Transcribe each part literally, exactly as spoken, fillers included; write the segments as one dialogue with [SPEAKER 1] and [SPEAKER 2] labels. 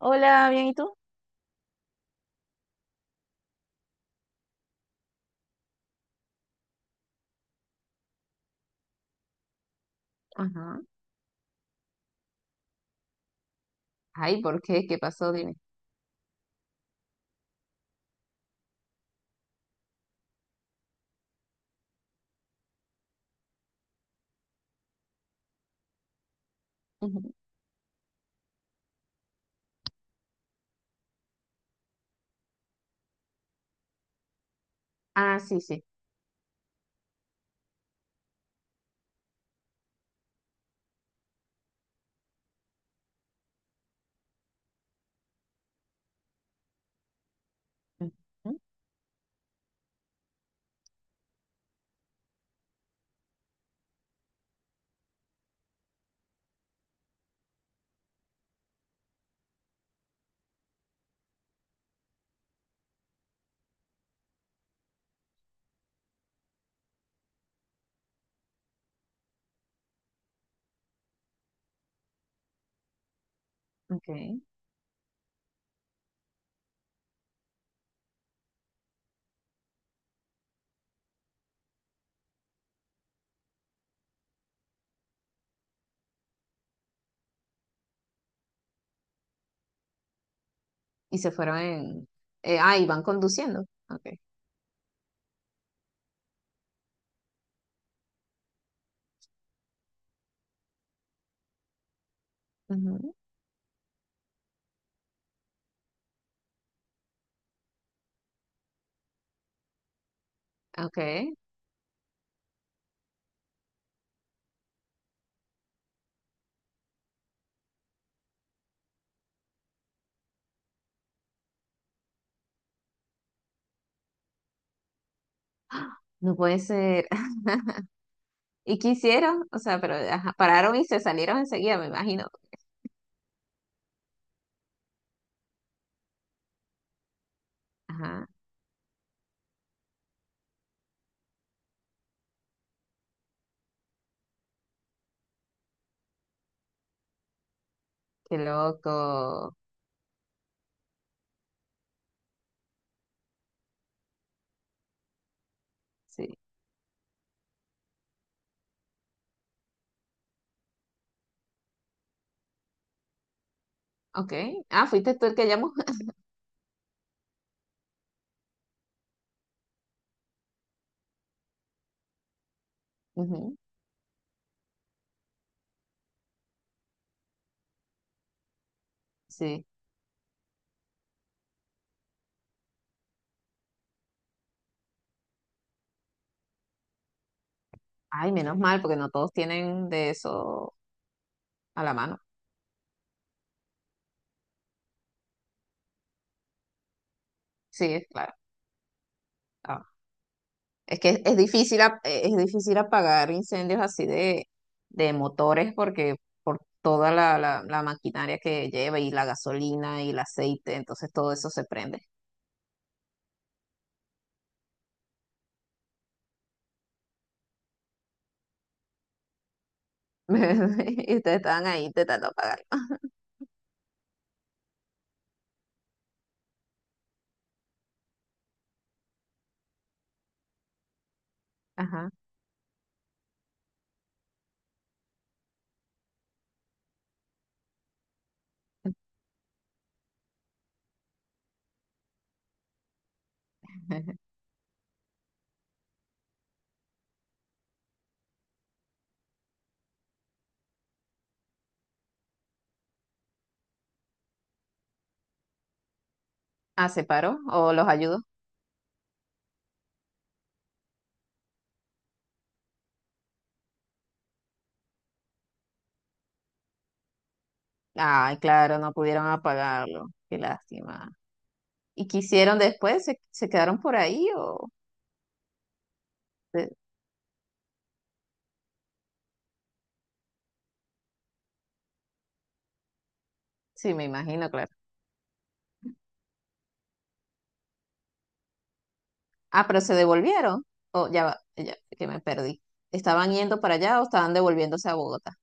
[SPEAKER 1] Hola, bien, ¿y tú? Ajá. Ay, ¿por qué? ¿Qué pasó? Dime. Ujú. Ah, sí, sí. Ujú. Ok. Y se fueron en... eh, ah, y van conduciendo. Ok. Ujú. Ok. No puede ser. ¿Y qué hicieron? O sea, pero ajá, pararon y se salieron enseguida, me imagino. Ajá. Qué loco. Sí. Ok. Ah, fuiste tú el que llamó. Ujú. Sí. Ay, menos mal, porque no todos tienen de eso a la mano. Sí, claro. Ah. Es que es difícil, ap- es difícil apagar incendios así de, de motores porque por toda la, la, la maquinaria que lleva y la gasolina y el aceite, entonces todo eso se prende. Y ustedes estaban ahí intentando apagarlo. Ajá. Ah, ¿se paró? ¿O los ayudó? Ay, claro, no pudieron apagarlo. Qué lástima. ¿Y qué hicieron después? ¿Se, se quedaron por ahí o...? se- Sí, me imagino, claro. Ah, pero se devolvieron. Oh, ya va, ya, que me perdí. ¿Estaban yendo para allá o estaban devolviéndose a Bogotá?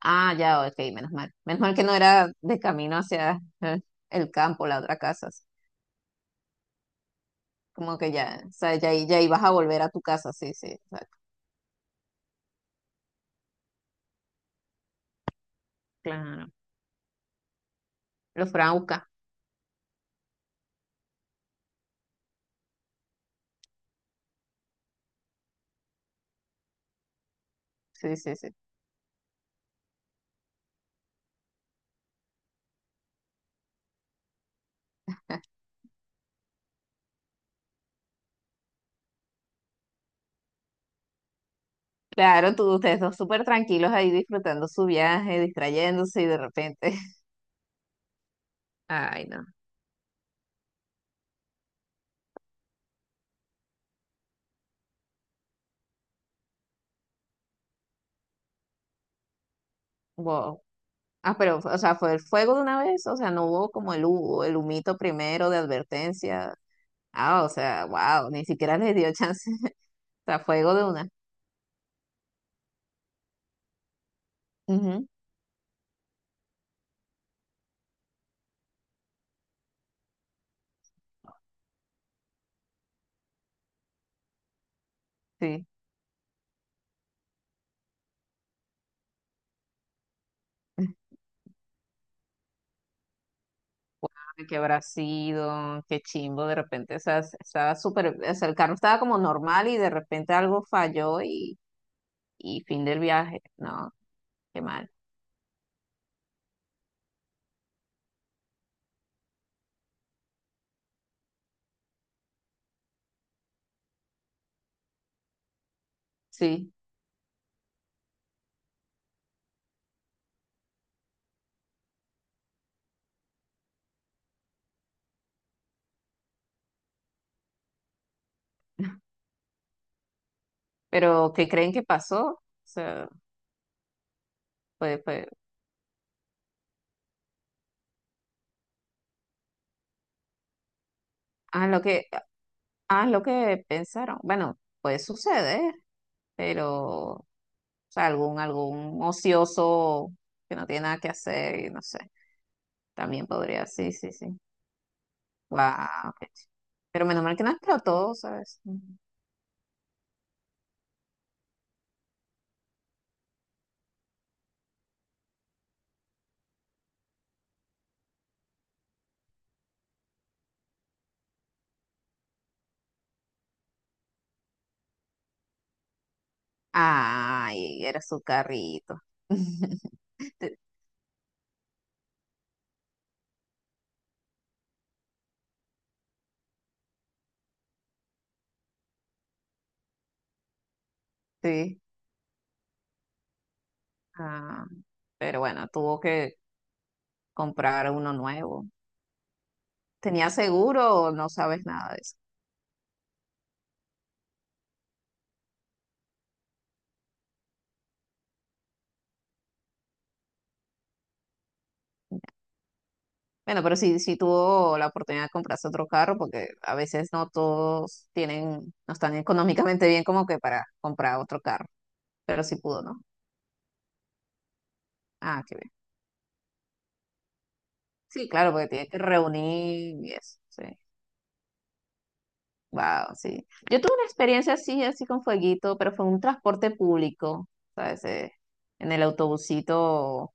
[SPEAKER 1] Ah, ya, ok, menos mal. Menos mal que no era de camino hacia eh, el campo, la otra casa. Así. Como que ya, o sea, ya, i- ya ibas a volver a tu casa, sí, sí, exacto. Claro. Los fueron a buscar. Sí, sí, sí. Claro, tú, ustedes dos súper tranquilos ahí disfrutando su viaje, distrayéndose y de repente. Ay, no. Wow. Ah, pero, o sea, fue el fuego de una vez, o sea, no hubo como el, hu- el humito primero de advertencia. Ah, o sea, wow, ni siquiera les dio chance. O sea, fuego de una. Ujú, sí. Ay, qué habrá sido, qué chimbo, de repente, o sea, s- estaba súper, o sea, el carro estaba como normal y de repente algo falló y, y fin del viaje. No, qué mal. Sí, pero ¿qué creen que pasó? O sea, fue, fue, ah, lo que, ah, lo que pensaron. Bueno, puede suceder, pero, o sea, algún, algún ocioso que no tiene nada que hacer y no sé, también podría, sí, sí, sí. Wow, pero menos mal que no explotó, ¿sabes? Ujú. Ay, era su carrito. Te- Sí. Ah, pero bueno, tuvo que comprar uno nuevo. ¿Tenía seguro o no sabes nada de eso? Bueno, pero sí, sí tuvo la oportunidad de comprarse otro carro porque a veces no todos tienen, no están económicamente bien como que para comprar otro carro, pero sí pudo, ¿no? Ah, qué bien. Sí, claro, porque tiene que reunir y eso, sí. Wow, sí. Yo tuve una experiencia así, así con fueguito, pero fue en un transporte público, ¿sabes? Eh, en el autobusito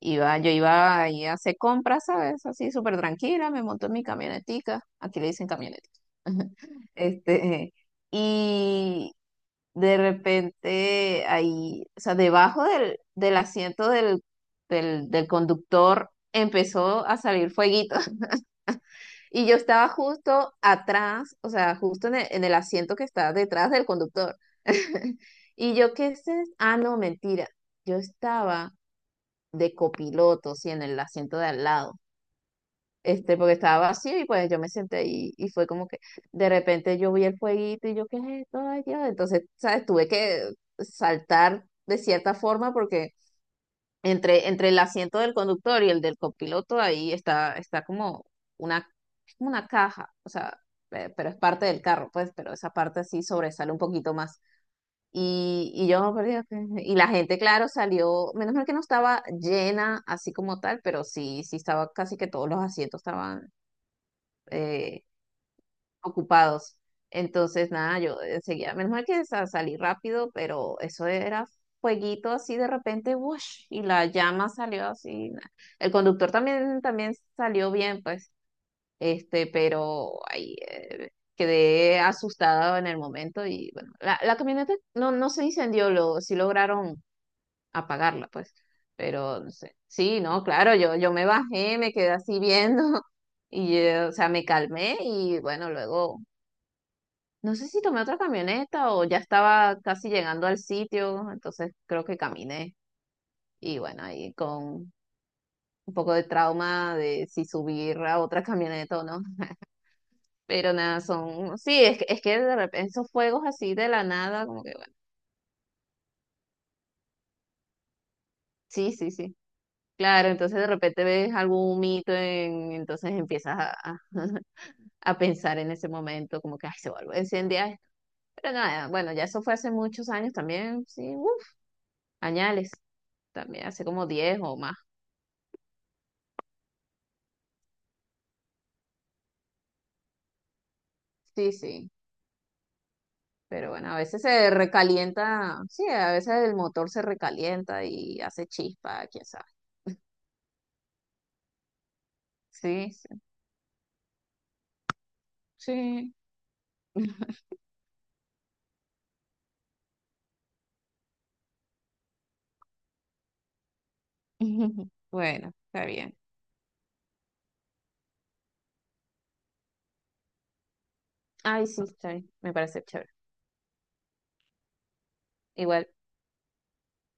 [SPEAKER 1] iba, yo iba ahí a hacer compras, ¿sabes? Así súper tranquila, me monto en mi camionetica, aquí le dicen camioneta. Este, y de repente ahí, o sea, debajo del, del asiento del, del, del conductor empezó a salir fueguito. Y yo estaba justo atrás, o sea, justo en el, en el asiento que está detrás del conductor. Y yo, ¿qué es esto? Ah, no, mentira. Yo estaba de copiloto, sí, en el asiento de al lado. Este, porque estaba vacío y pues yo me senté ahí y fue como que de repente yo vi el fueguito y yo, ¿qué es esto? Ay, Dios. Entonces, ¿sabes? Tuve que saltar de cierta forma porque entre, entre el asiento del conductor y el del copiloto, ahí está, está como una, es como una caja, o sea, eh, pero es parte del carro, pues, pero esa parte sí sobresale un poquito más. Y, y yo, pero digo que- y la gente, claro, salió, menos mal que no estaba llena así como tal, pero sí, sí estaba casi que todos los asientos estaban eh, ocupados. Entonces, nada, yo enseguida, menos mal que sa- salí rápido, pero eso era fueguito así de repente, ¡wush! Y la llama salió así. na- El conductor también, también salió bien, pues, este, pero ahí eh, quedé asustada en el momento y bueno, la, la camioneta no, no se incendió, lo, sí lograron apagarla, pues, pero no sé. Sí, no, claro, yo, yo me bajé, me quedé así viendo y, eh, o sea, me calmé y bueno, luego no sé si tomé otra camioneta o ya estaba casi llegando al sitio, entonces creo que caminé. Y bueno, ahí con un poco de trauma de si subir a otra camioneta o no. Pero nada, son... Sí, es que, es que de repente esos fuegos así de la nada, como que bueno. Sí, sí, sí. Claro, entonces de repente ves algún mito, en... entonces empiezas a, a, a pensar en ese momento, como que ay, se vuelve a encender esto. Pero nada, bueno, ya eso fue hace muchos años también, sí, uf, añales, también hace como diez o más. Sí, sí, pero bueno, a veces se recalienta, sí, a veces el motor se recalienta y hace chispa, quién sabe. Sí, sí, sí. Bueno, está bien. Ay, sí, está bien, me parece chévere. Igual.